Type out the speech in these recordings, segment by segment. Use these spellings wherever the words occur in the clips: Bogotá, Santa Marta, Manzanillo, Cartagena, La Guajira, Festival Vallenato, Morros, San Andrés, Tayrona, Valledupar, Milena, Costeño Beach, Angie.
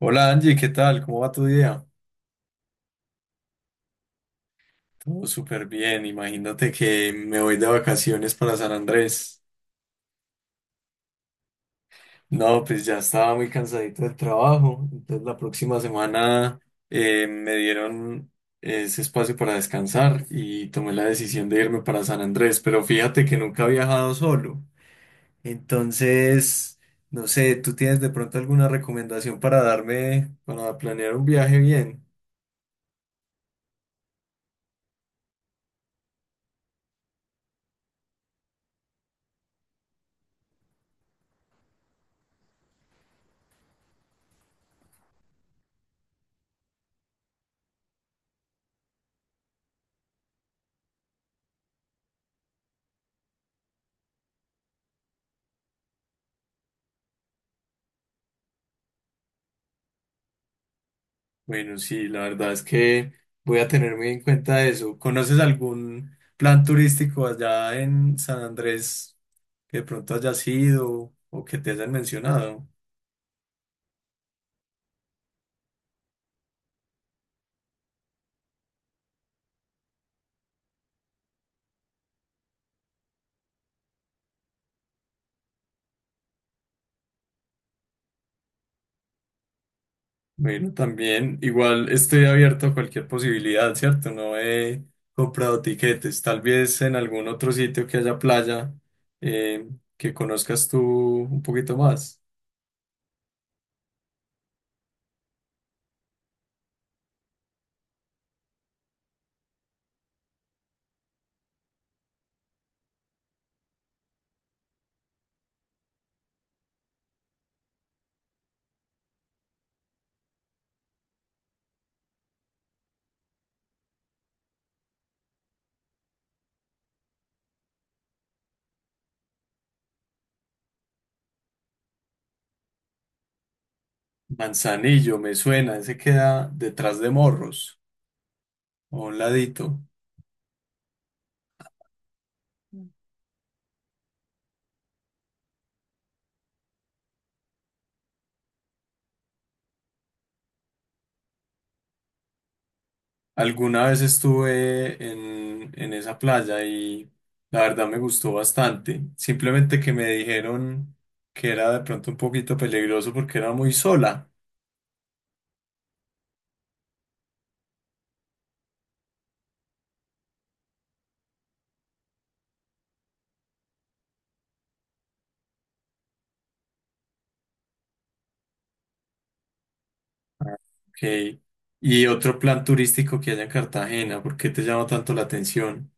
Hola Angie, ¿qué tal? ¿Cómo va tu día? Todo súper bien, imagínate que me voy de vacaciones para San Andrés. No, pues ya estaba muy cansadito del trabajo, entonces la próxima semana me dieron ese espacio para descansar y tomé la decisión de irme para San Andrés, pero fíjate que nunca he viajado solo. Entonces, no sé, ¿tú tienes de pronto alguna recomendación para darme, para planear un viaje bien? Bueno, sí, la verdad es que voy a tener muy en cuenta eso. ¿Conoces algún plan turístico allá en San Andrés que de pronto hayas ido o que te hayan mencionado? Bueno, también igual estoy abierto a cualquier posibilidad, ¿cierto? No he comprado tiquetes. Tal vez en algún otro sitio que haya playa eh, que conozcas tú un poquito más. Manzanillo, me suena, ese queda detrás de Morros, o a un ladito. Alguna vez estuve en esa playa y la verdad me gustó bastante. Simplemente que me dijeron que era de pronto un poquito peligroso porque era muy sola. Ah. Ok. Y otro plan turístico que haya en Cartagena, ¿por qué te llama tanto la atención?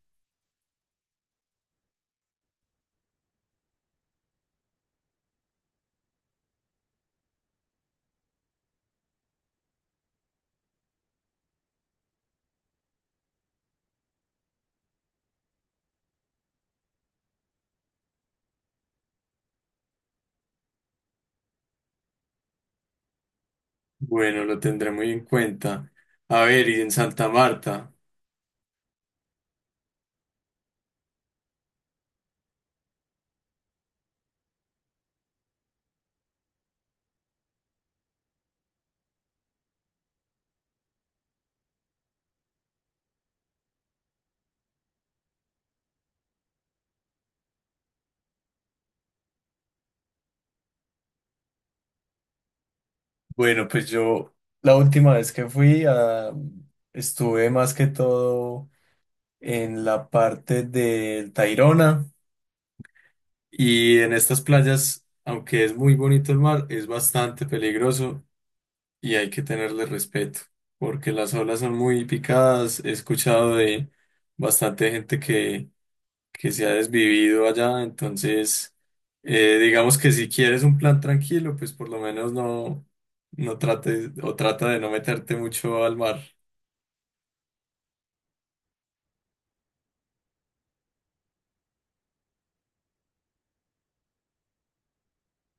Bueno, lo tendré muy en cuenta. A ver, y en Santa Marta. Bueno, pues yo la última vez que fui ah, estuve más que todo en la parte del Tayrona. Y en estas playas, aunque es muy bonito el mar, es bastante peligroso y hay que tenerle respeto, porque las olas son muy picadas. He escuchado de bastante gente que se ha desvivido allá, entonces digamos que si quieres un plan tranquilo, pues por lo menos no, no trates o trata de no meterte mucho al mar.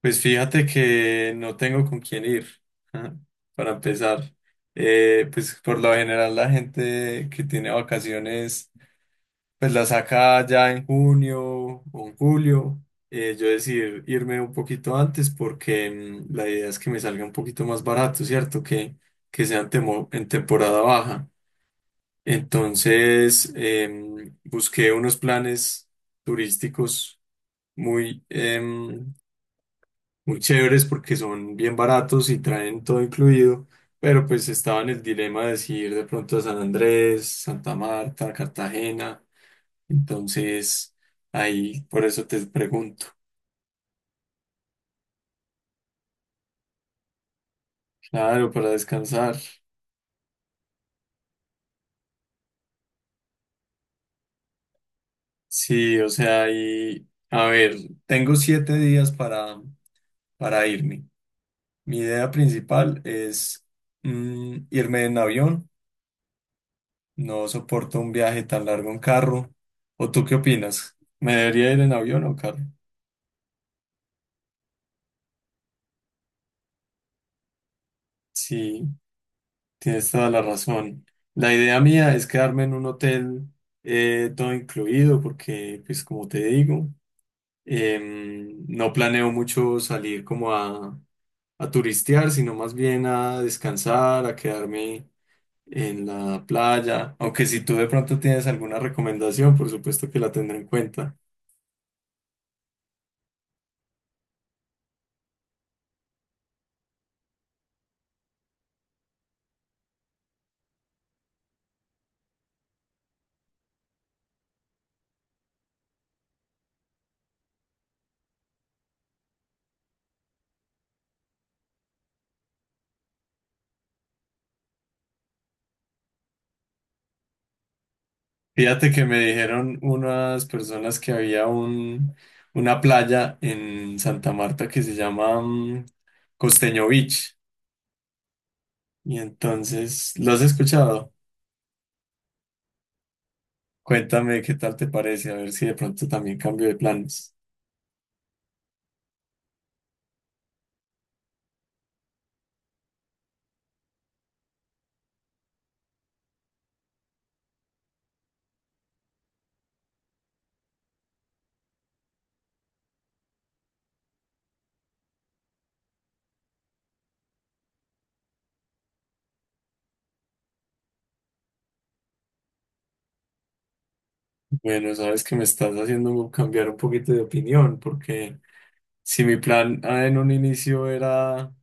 Pues fíjate que no tengo con quién ir, ajá, para empezar. Pues por lo general la gente que tiene vacaciones, pues la saca ya en junio o en julio. Yo decidí irme un poquito antes porque la idea es que me salga un poquito más barato, ¿cierto? Que sea en, en temporada baja. Entonces, busqué unos planes turísticos muy em, muy chéveres porque son bien baratos y traen todo incluido, pero pues estaba en el dilema de si ir de pronto a San Andrés, Santa Marta, Cartagena, entonces ahí por eso te pregunto, claro, para descansar. Sí, o sea, y a ver, tengo 7 días para irme. Mi idea principal es irme en avión, no soporto un viaje tan largo en carro. ¿O tú qué opinas? ¿Me debería ir en avión o en carro? Sí, tienes toda la razón. La idea mía es quedarme en un hotel todo incluido porque, pues como te digo, no planeo mucho salir como a turistear, sino más bien a descansar, a quedarme en la playa. Aunque si tú de pronto tienes alguna recomendación, por supuesto que la tendré en cuenta. Fíjate que me dijeron unas personas que había un, una playa en Santa Marta que se llama Costeño Beach. Y entonces, ¿lo has escuchado? Cuéntame qué tal te parece, a ver si de pronto también cambio de planes. Bueno, sabes que me estás haciendo cambiar un poquito de opinión, porque si mi plan ah, en un inicio era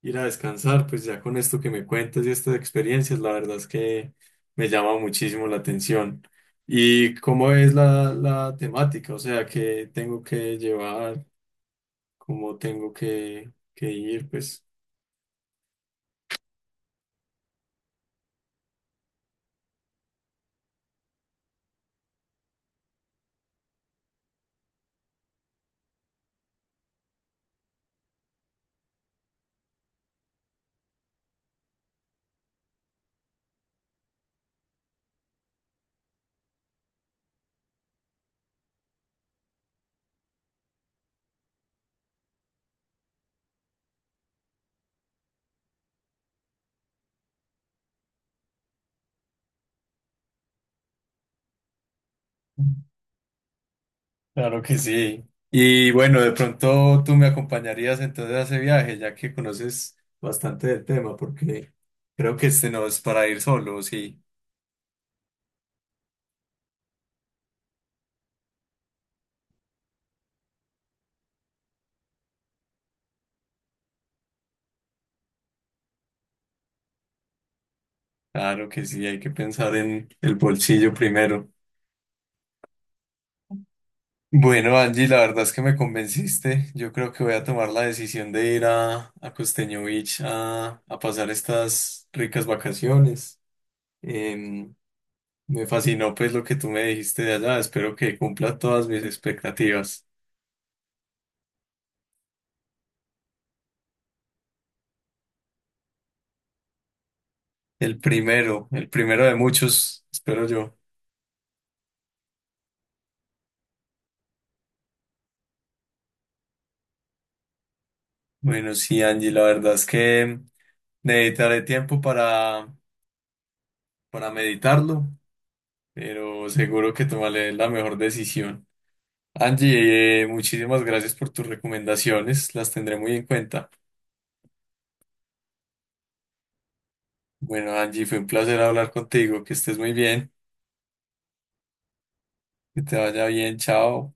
ir a descansar, pues ya con esto que me cuentas y estas experiencias, la verdad es que me llama muchísimo la atención. ¿Y cómo es la temática? O sea, ¿qué tengo que llevar? ¿Cómo tengo que ir? Pues claro que sí. Y bueno, de pronto tú me acompañarías entonces a ese viaje, ya que conoces bastante del tema, porque creo que este no es para ir solo, sí. Claro que sí, hay que pensar en el bolsillo primero. Bueno, Angie, la verdad es que me convenciste. Yo creo que voy a tomar la decisión de ir a Costeño Beach a pasar estas ricas vacaciones. Em, Me fascinó pues lo que tú me dijiste de allá. Espero que cumpla todas mis expectativas. El primero de muchos, espero yo. Bueno, sí, Angie, la verdad es que necesitaré tiempo para meditarlo, pero seguro que tomaré la mejor decisión. Angie, muchísimas gracias por tus recomendaciones, las tendré muy en cuenta. Bueno, Angie, fue un placer hablar contigo, que estés muy bien, que te vaya bien, chao.